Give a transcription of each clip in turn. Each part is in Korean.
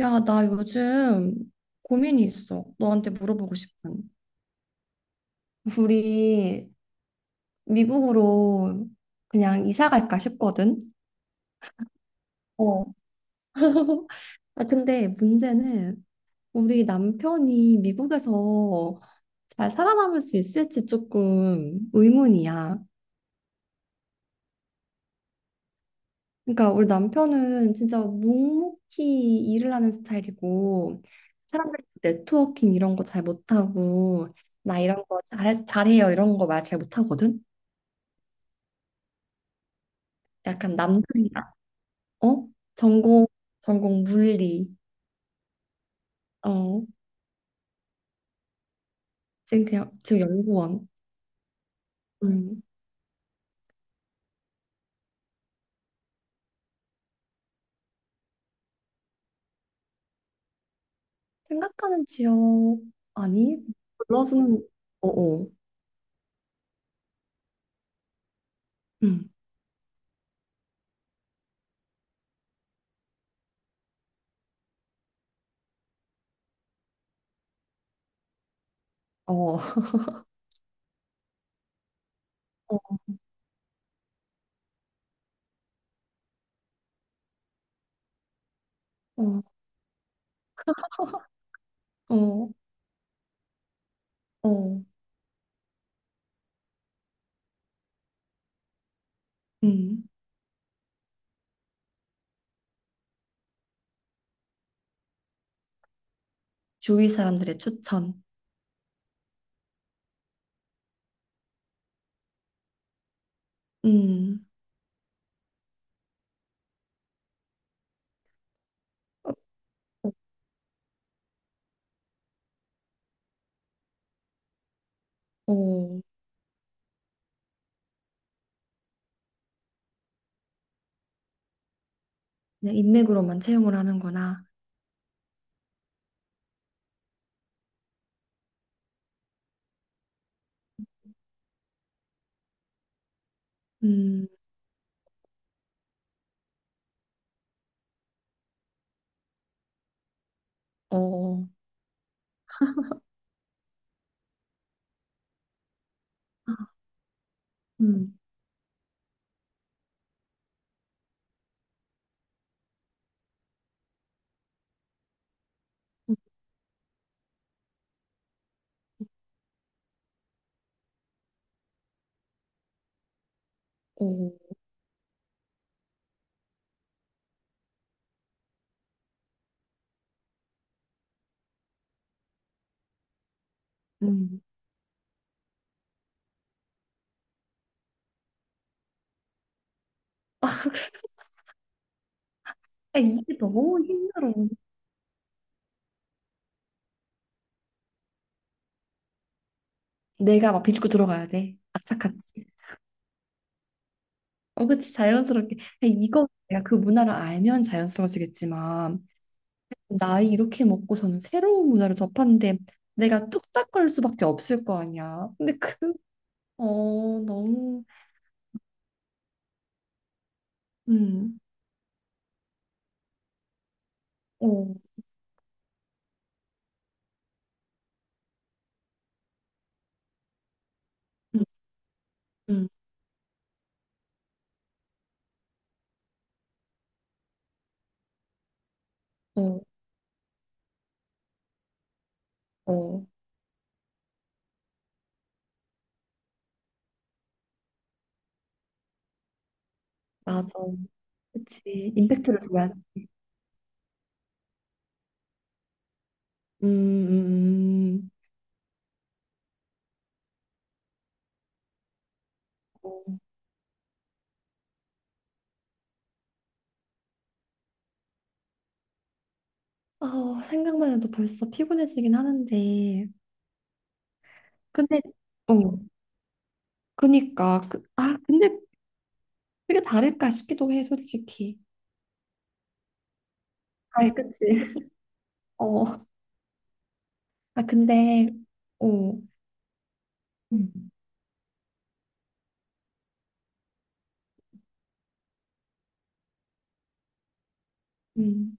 야, 나 요즘 고민이 있어. 너한테 물어보고 싶은. 우리 미국으로 그냥 이사 갈까 싶거든. 어, 아, 근데 문제는 우리 남편이 미국에서 잘 살아남을 수 있을지 조금 의문이야. 그러니까 우리 남편은 진짜 묵묵히 일을 하는 스타일이고 사람들 네트워킹 이런 거 잘 못하고 나 이런 거 잘해요 이런 거 말 잘 못하거든. 약간 남성이다 어? 전공 전공 물리. 어. 지금 대학 지금 연구원. 음. 생각하는 지역 아니 골라주는 어어. 음. 어. 어. 어. 어. 어. 음. 주위 사람들의 추천. 음. 어. 어. 어. 그냥 인맥으로만 채용을 하는구나. 음. 어. 음. 어. 음. 아, 이게 너무 힘들어. 내가 막 비집고 들어가야 돼. 악착같이. 어, 그치, 자연스럽게. 아니, 이거 내가 그 문화를 알면 자연스러워지겠지만, 나이 이렇게 먹고서는 새로운 문화를 접하는데 내가 뚝딱거릴 수밖에 없을 거 아니야. 근데 그, 어, 너무, 음, 어, 음, 음, 어, 어, 맞아. 그치, 임팩트를 줘야지. 음, 음, 음. 어, 아, 생각만 해도 벌써 피곤해지긴 하는데. 근데, 어, 그니까, 그, 아, 근데 그게 다를까 싶기도 해, 솔직히. 아이, 그치. 어, 아, 근데, 어, 음. 음,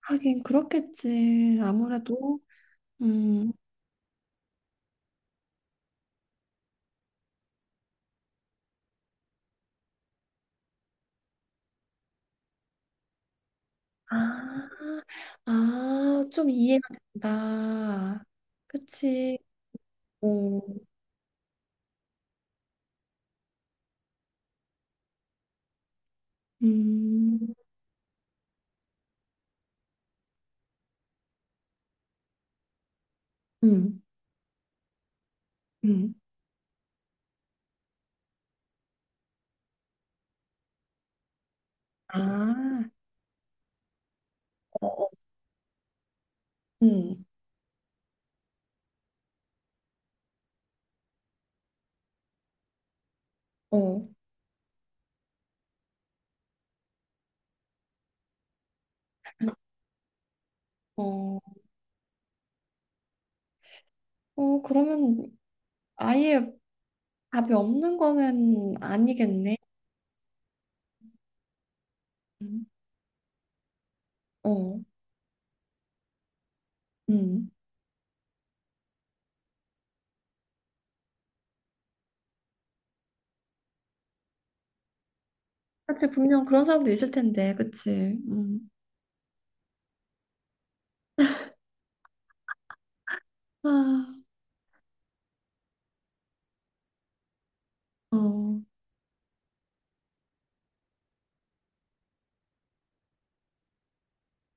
하긴 그렇겠지. 아무래도, 음, 아, 아, 좀 이해가 된다. 그치. 어, 음, 음, 음, 아, 어, 어, 음, 어, 어, 어, 그러면 아예 답이 없는 거는 아니겠네. 음, 어, 음. 그치, 분명 그런 사람도 있을 텐데, 그치. 음. 아, 어,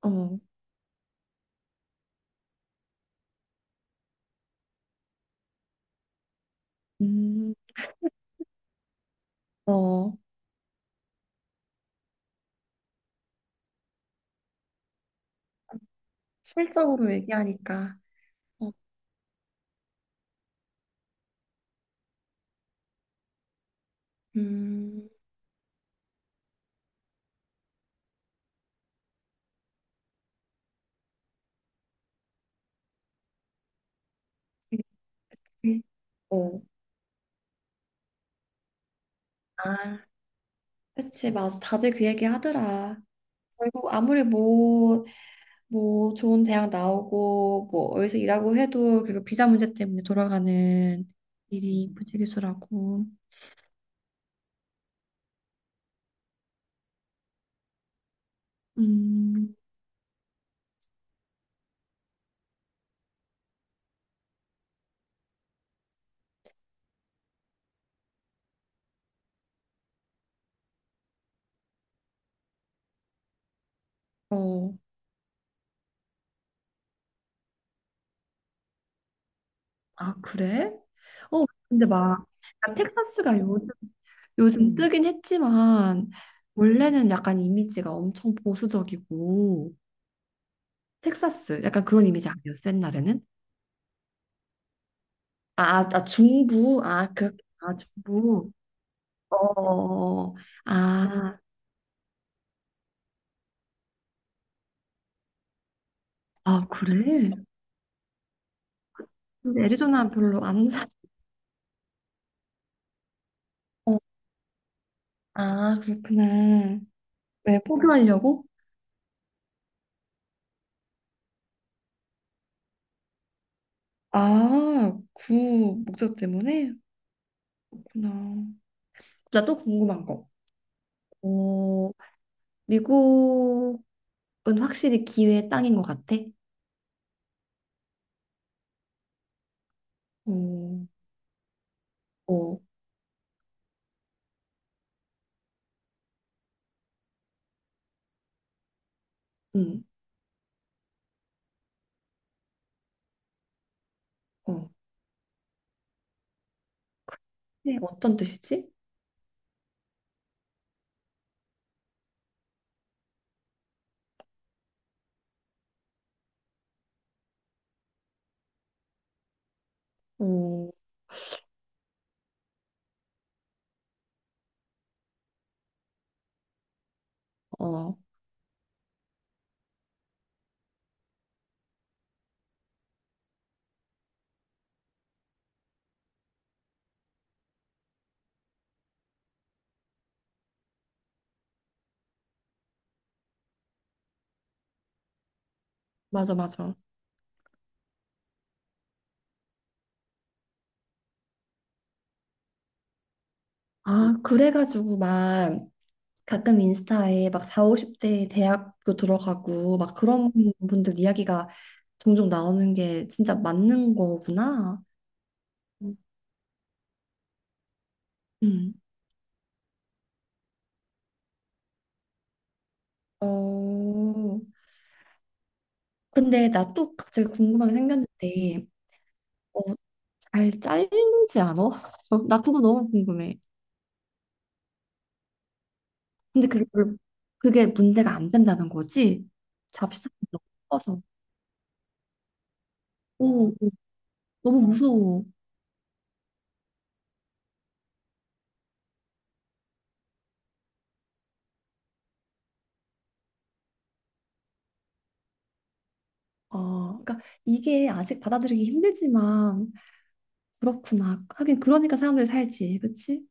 어, 음, 어, 실적으로 얘기하니까, 어, 음, 그치. 어. 아, 그치, 맞아. 다들 그 얘기 하더라. 결국 아무리 뭐, 뭐 좋은 대학 나오고, 뭐 어디서 일하고 해도 결국 비자 문제 때문에 돌아가는 일이 부지기수라고. 음, 어. 아, 그래? 어, 근데 막, 약간 텍사스가 요즘, 요즘 뜨긴 했지만, 원래는 약간 이미지가 엄청 보수적이고, 텍사스, 약간 그런 이미지 아니었어, 옛날에는? 아, 아, 아, 중부, 아, 그, 아, 중부. 어, 어, 어. 아, 아, 그래? 근데 애리조나 별로 안 사, 어, 아, 그렇구나. 왜, 포기하려고? 아, 그 목적 때문에? 그렇구나. 나 또 궁금한 거. 어, 미국은 확실히 기회의 땅인 것 같아. 어, 어, 응, 어. 네, 어떤 뜻이지? 어, 어, 맞아, 맞아. 아, 그래가지고 막 가끔 인스타에 막 4, 50대 대학교 들어가고 막 그런 분들 이야기가 종종 나오는 게 진짜 맞는 거구나. 음. 어, 근데 나 또 갑자기 궁금한 게 생겼는데, 어, 잘 잘리지 않아? 나 그거 너무 궁금해. 근데 그게 별로- 그게 문제가 안 된다는 거지. 잡식이 너무 커서. 오, 너무 무서워. 아, 그러니까 이게 아직 받아들이기 힘들지만 그렇구나. 하긴 그러니까 사람들이 살지, 그렇지?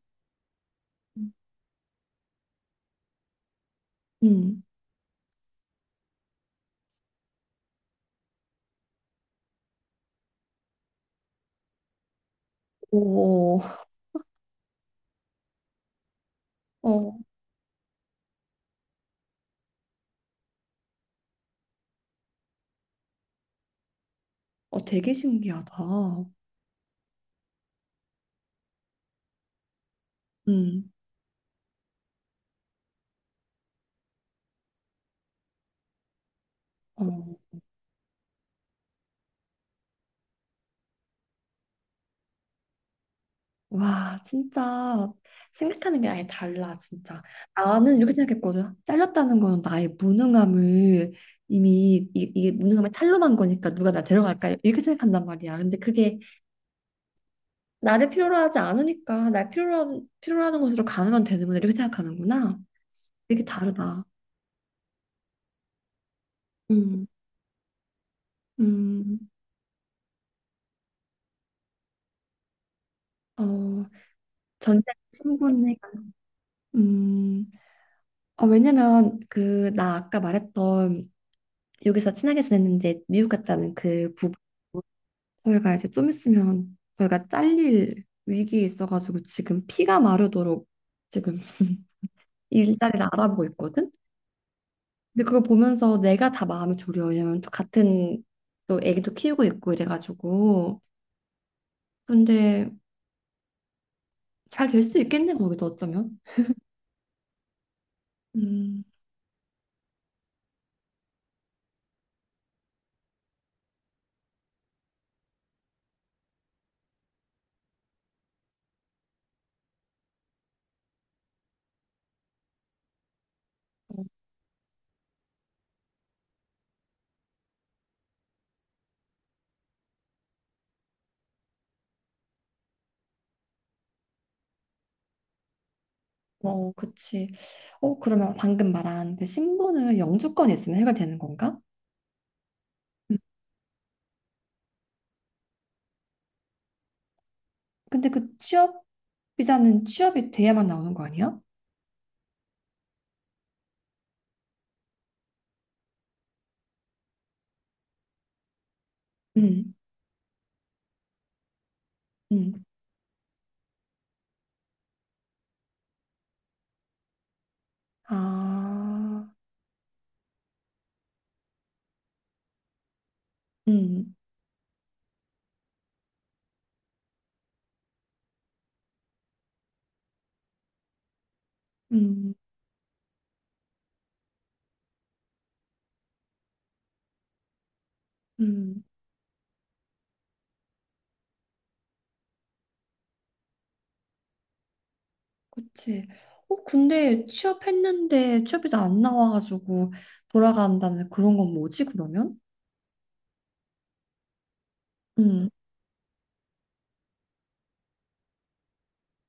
음. 오, 어, 어, 되게 신기하다. 음. 어. 와, 진짜 생각하는 게 아예 달라, 진짜. 나는 이렇게 생각했거든. 잘렸다는 건 나의 무능함을 이미 이 무능함을 탄로난 거니까 누가 나 데려갈까 이렇게 생각한단 말이야. 근데 그게 나를 필요로 하지 않으니까 날 필요로 하는 곳으로 가면 되는구나 이렇게 생각하는구나. 되게 다르다. 음, 음, 어, 전쟁 친분해가. 음, 어, 왜냐면 그 나 아까 말했던 여기서 친하게 지냈는데 미국 갔다는 그 부부. 저희가 이제 좀 있으면 저희가 잘릴 위기에 있어가지고 지금 피가 마르도록 지금 일자리를 알아보고 있거든. 근데 그걸 보면서 내가 다 마음이 졸여. 왜냐면 또 같은 또 애기도 키우고 있고 이래가지고. 근데 잘 될 수 있겠네 거기도 어쩌면. 음, 어, 그치. 어, 그러면 방금 말한 그 신분은 영주권이 있으면 해결되는 건가? 음. 근데 그 취업 비자는 취업이 돼야만 나오는 거 아니야? 음, 음. 아. 음, 음, 음, 그치. 어, 근데 취업했는데 취업해서 안 나와가지고 돌아간다는 그런 건 뭐지, 그러면? 음,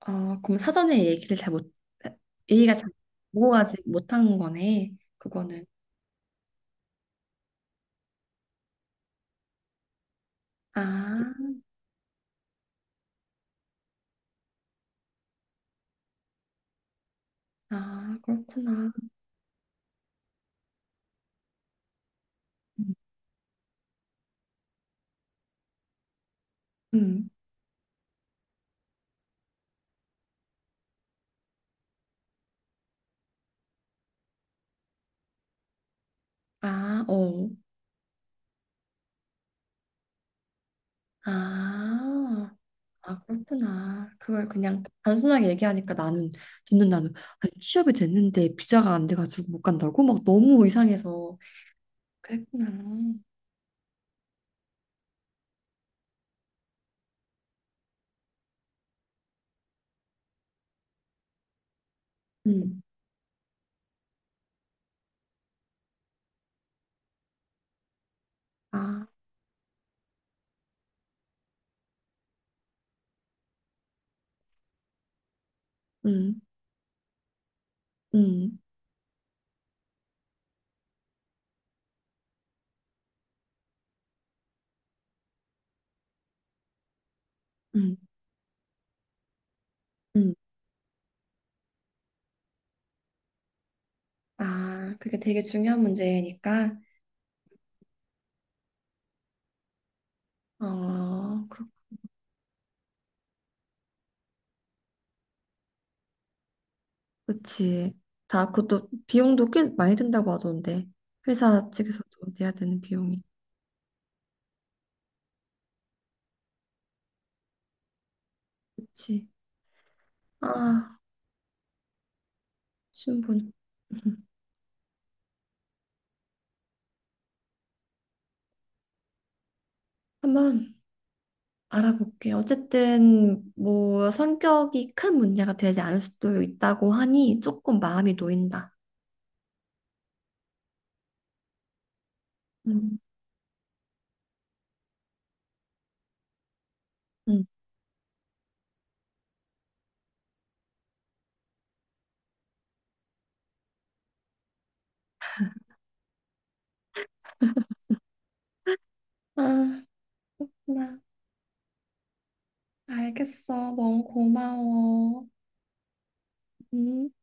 아, 그럼 사전에 얘기를 잘 못, 얘기가 잘 오가지 못한 거네, 그거는. 아, 아, 그렇구나. 음, 음. 아, 어, 아, 아, 그렇구나. 그걸 그냥 단순하게 얘기하니까 나는, 듣는 나는, 아니, 취업이 됐는데 비자가 안 돼가지고 못 간다고? 막 너무 이상해서. 그랬구나. 음, 아, 음, 음, 음, 음. 아, 그게 되게 중요한 문제니까. 어, 그렇, 그치. 다, 그것도 비용도 꽤 많이 든다고 하던데. 회사 측에서도 내야 되는 비용이. 그치. 아, 신분. 한번 알아볼게요. 어쨌든 뭐 성격이 큰 문제가 되지 않을 수도 있다고 하니 조금 마음이 놓인다. 음, 음. 아, 나 알겠어. 너무 고마워. 음.